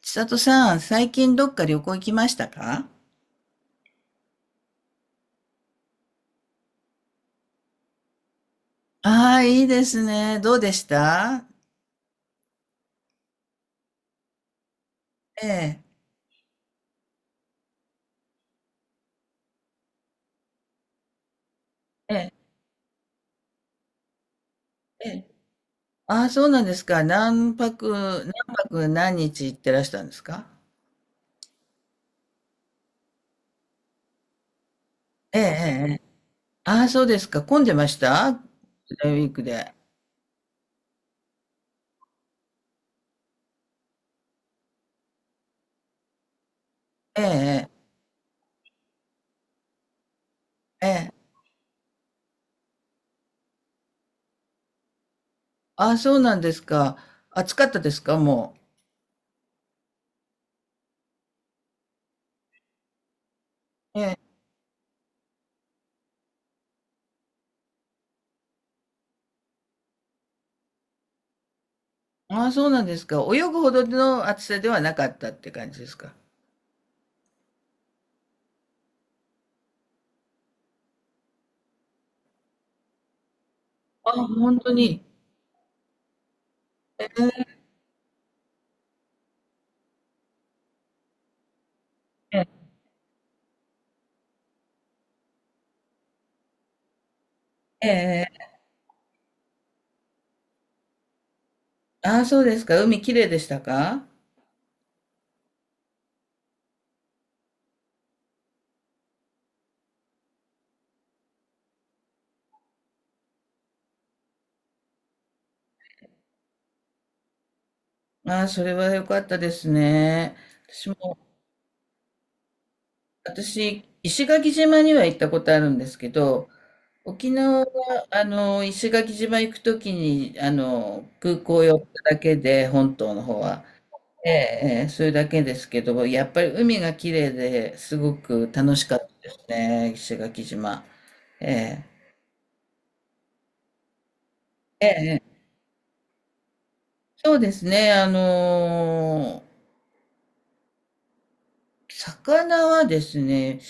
千里さん、最近どっか旅行行きましたか？ああいいですね。どうでした？ええ、ええ、ええ。ああ、そうなんですか。何泊、何何日行ってらしたんですか？ええ、ええ。ええ。ああ、そうですか。混んでましたゴールデンウィークで。ええ、ええ。ええ。ああ、そうなんですか。暑かったですか、もう。ええ。ああ、そうなんですか。泳ぐほどの暑さではなかったって感じですか？ああ、本当に。ええ、ええ。ああ、そうですか。海きれいでしたか？ああ、それは良かったですね。私も、私、石垣島には行ったことあるんですけど、沖縄は、石垣島行くときに、空港寄っただけで、本島の方は。ええ、ええそれだけですけど、やっぱり海がきれいですごく楽しかったですね、石垣島。ええ、ええ、ええ。そうですね。魚はですね、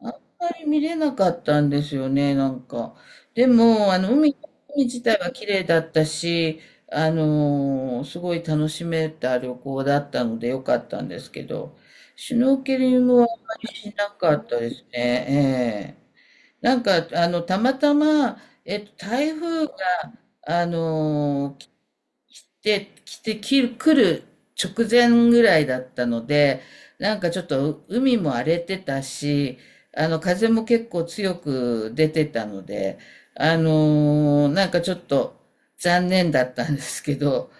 あんまり見れなかったんですよね、なんか。でも、海、海自体は綺麗だったし、すごい楽しめた旅行だったので良かったんですけど、シュノーケリングはあんまりしなかったですね。ええ。なんか、あの、たまたま、台風が、あのーで、来て、来る直前ぐらいだったので、なんかちょっと海も荒れてたし、風も結構強く出てたので、なんかちょっと残念だったんですけど、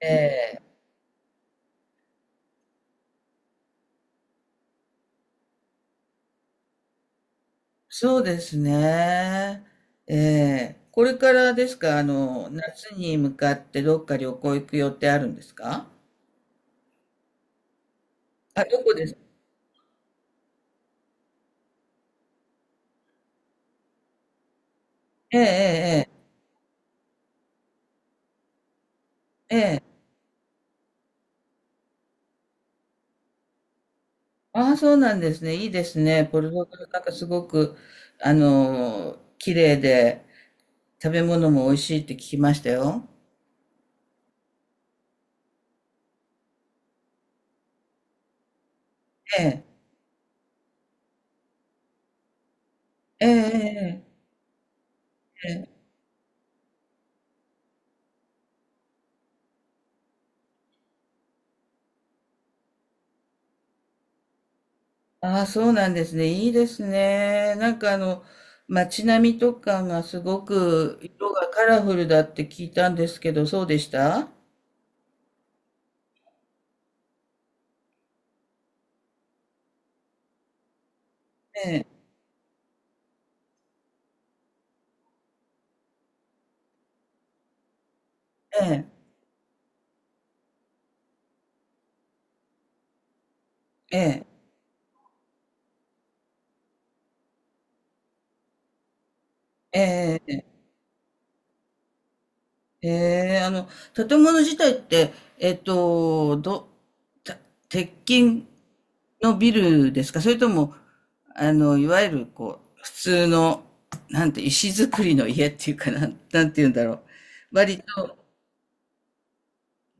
ええ、そうですね。ええ、これからですか、あの、夏に向かってどっか旅行行く予定あるんですか？あ、どこです？ええ、ええ、ええ。ああ、そうなんですね。いいですね。ポルトガルなんかすごく、あの綺麗で、食べ物も美味しいって聞きましたよ。ええ、ええ、ええ、ええ。ああ、そうなんですね。いいですね。なんかあの、街並みとかがすごく色がカラフルだって聞いたんですけど、そうでした？ええ、ええ、ええ、ええ。へえ、あの、建物自体って、えっと、ど、た鉄筋のビルですか、それとも、あの、いわゆる、こう、普通の、なんて、石造りの家っていうかな、なんて言うんだろう。割と、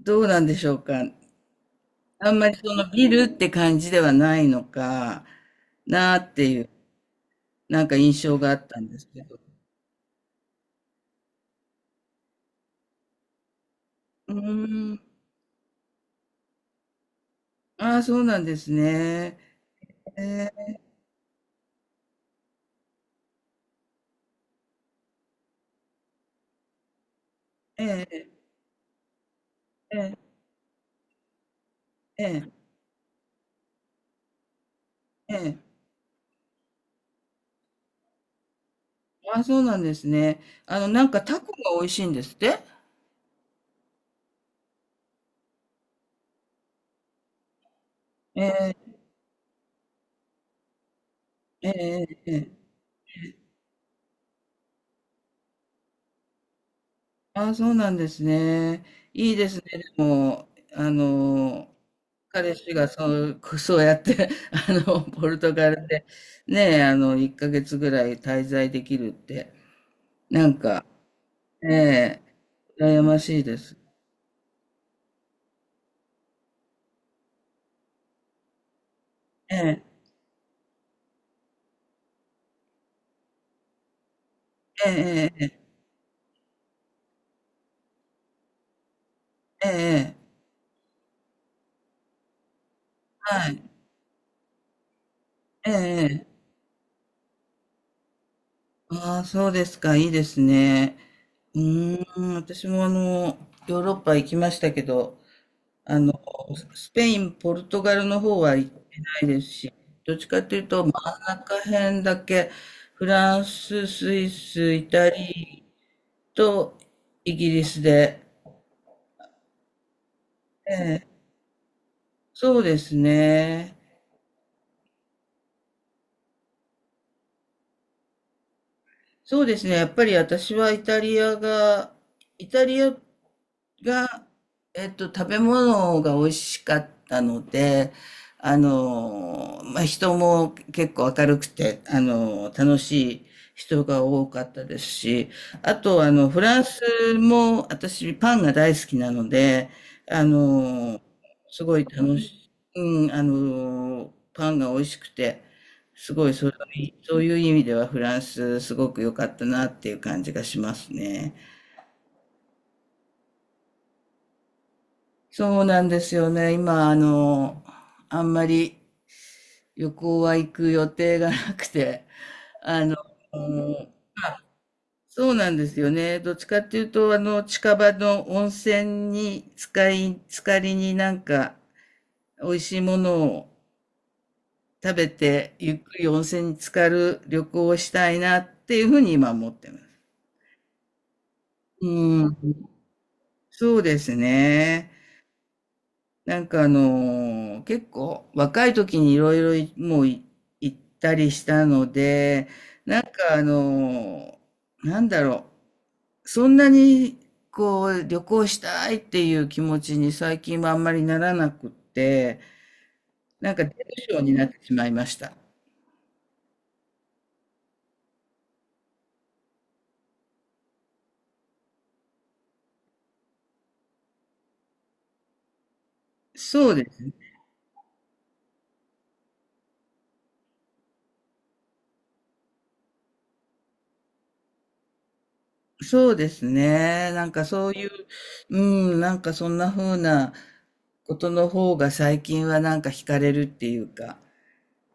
どうなんでしょうか。あんまりそのビルって感じではないのかなっていう、なんか印象があったんですけど。うーん。ああ、そうなんですね。ええええええええええ。あ、そうなんですね。あの、なんかタコが美味しいんですって。ええ、ええ、ええ。ああ、そうなんですね。いいですね。でも、あの、彼氏がそう、そうやって、あの、ポルトガルで、ねえ、あの、1ヶ月ぐらい滞在できるって、なんか、ええ、羨ましいです。ええ、ええ、ええ、ええ、ええ、はい、ええ。ああ、そうですか。いいですね。うーん、私もあの、ヨーロッパ行きましたけど、あの、スペイン、ポルトガルの方は行ってないですし、どっちかというと真ん中辺だけ、フランス、スイス、イタリアとイギリスで、ええ、そうですね。そうですね。やっぱり私はイタリアが、イタリアが、食べ物が美味しかったので、あの、まあ、人も結構明るくて、あの、楽しい人が多かったですし、あと、あの、フランスも私パンが大好きなので、あの、すごい楽しい、うん、あの、パンが美味しくて、すごいそういう、そういう意味ではフランスすごく良かったなっていう感じがしますね。そうなんですよね。今、あの、あんまり旅行は行く予定がなくて、あの、そうなんですよね。どっちかっていうと、あの、近場の温泉に浸かりになんか、美味しいものを食べて、ゆっくり温泉に浸かる旅行をしたいなっていうふうに今思ってます。うん、そうですね。なんかあのー結構若い時にいろいろもう行ったりしたので、なんかあのーなんだろう、そんなにこう旅行したいっていう気持ちに最近はあんまりならなくって、なんか出る症になってしまいました。そうです。そうですね。なんかそういう、うん、なんかそんな風なことの方が最近はなんか惹かれるっていうか。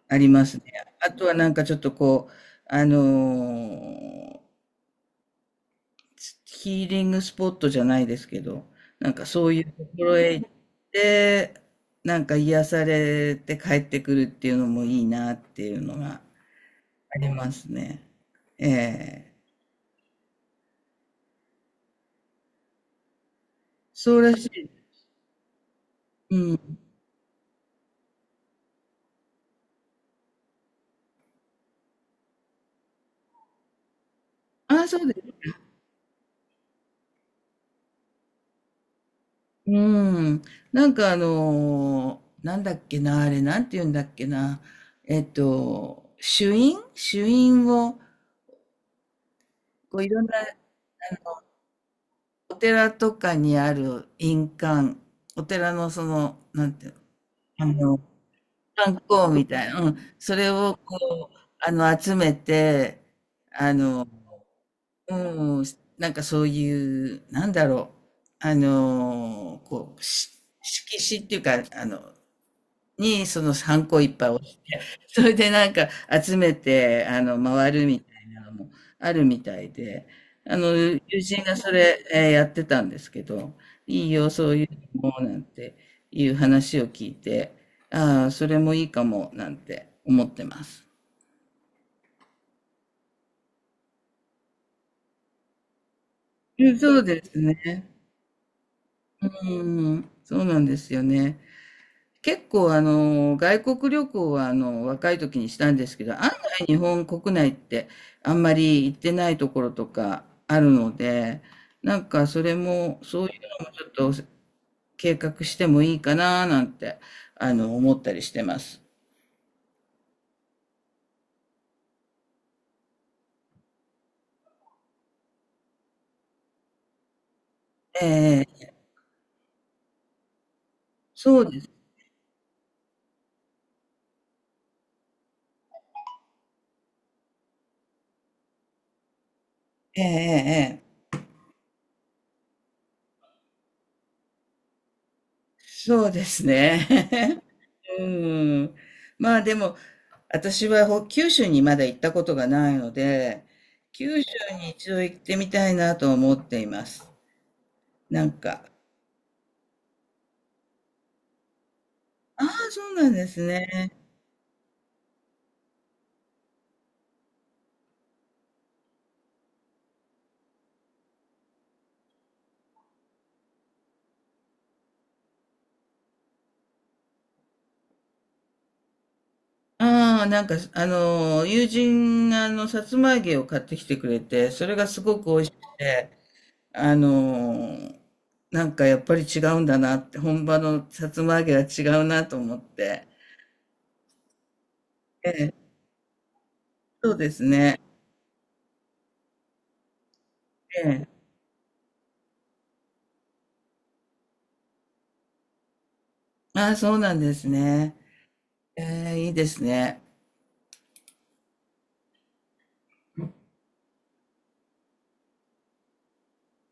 ありますね。あとはなんかちょっとこう、あのーヒーリングスポットじゃないですけど、なんかそういうところへ行って、なんか癒されて帰ってくるっていうのもいいなっていうのがありますね。ええ。そうらしい。うん。ああ、そうです。うん。なんかあのーなんだっけな、あれ、なんて言うんだっけな。えっと、朱印を、こういろんな、お寺とかにある印鑑、お寺のその、なんていうの、あの、観光みたいな、うん、それをこう、あの、集めて、うん、なんかそういう、なんだろう、あの、こう、色紙っていうか、あの、にそのハンコいっぱいそれでなんか集めて、あの、回るみたいなのもあるみたいで、あの、友人がそれ、やってたんですけど、いいよ、そういうのも、なんていう話を聞いて、ああ、それもいいかも、なんて思ってます。うん、そうですね。うん、そうなんですよね。結構あの外国旅行はあの若い時にしたんですけど、案外日本国内ってあんまり行ってないところとかあるので、なんかそれもそういうのもちょっと計画してもいいかななんてあの思ったりしてます。ええ、そうです。ええええ。ええ、そうですね。うん。まあでも、私はほ九州にまだ行ったことがないので、九州に一度行ってみたいなと思っています。なんか、ああ、そうなんですね。ああ、なんか、あの、友人があの、さつま揚げを買ってきてくれて、それがすごく美味しくて、あの、なんかやっぱり違うんだなって、本場のさつま揚げは違うなと思って。ええ、そうですね。ええ。ああ、そうなんですね。ええ、いいですね。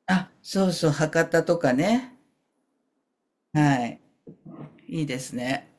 あ、そうそう、博多とかね。はい、いいですね。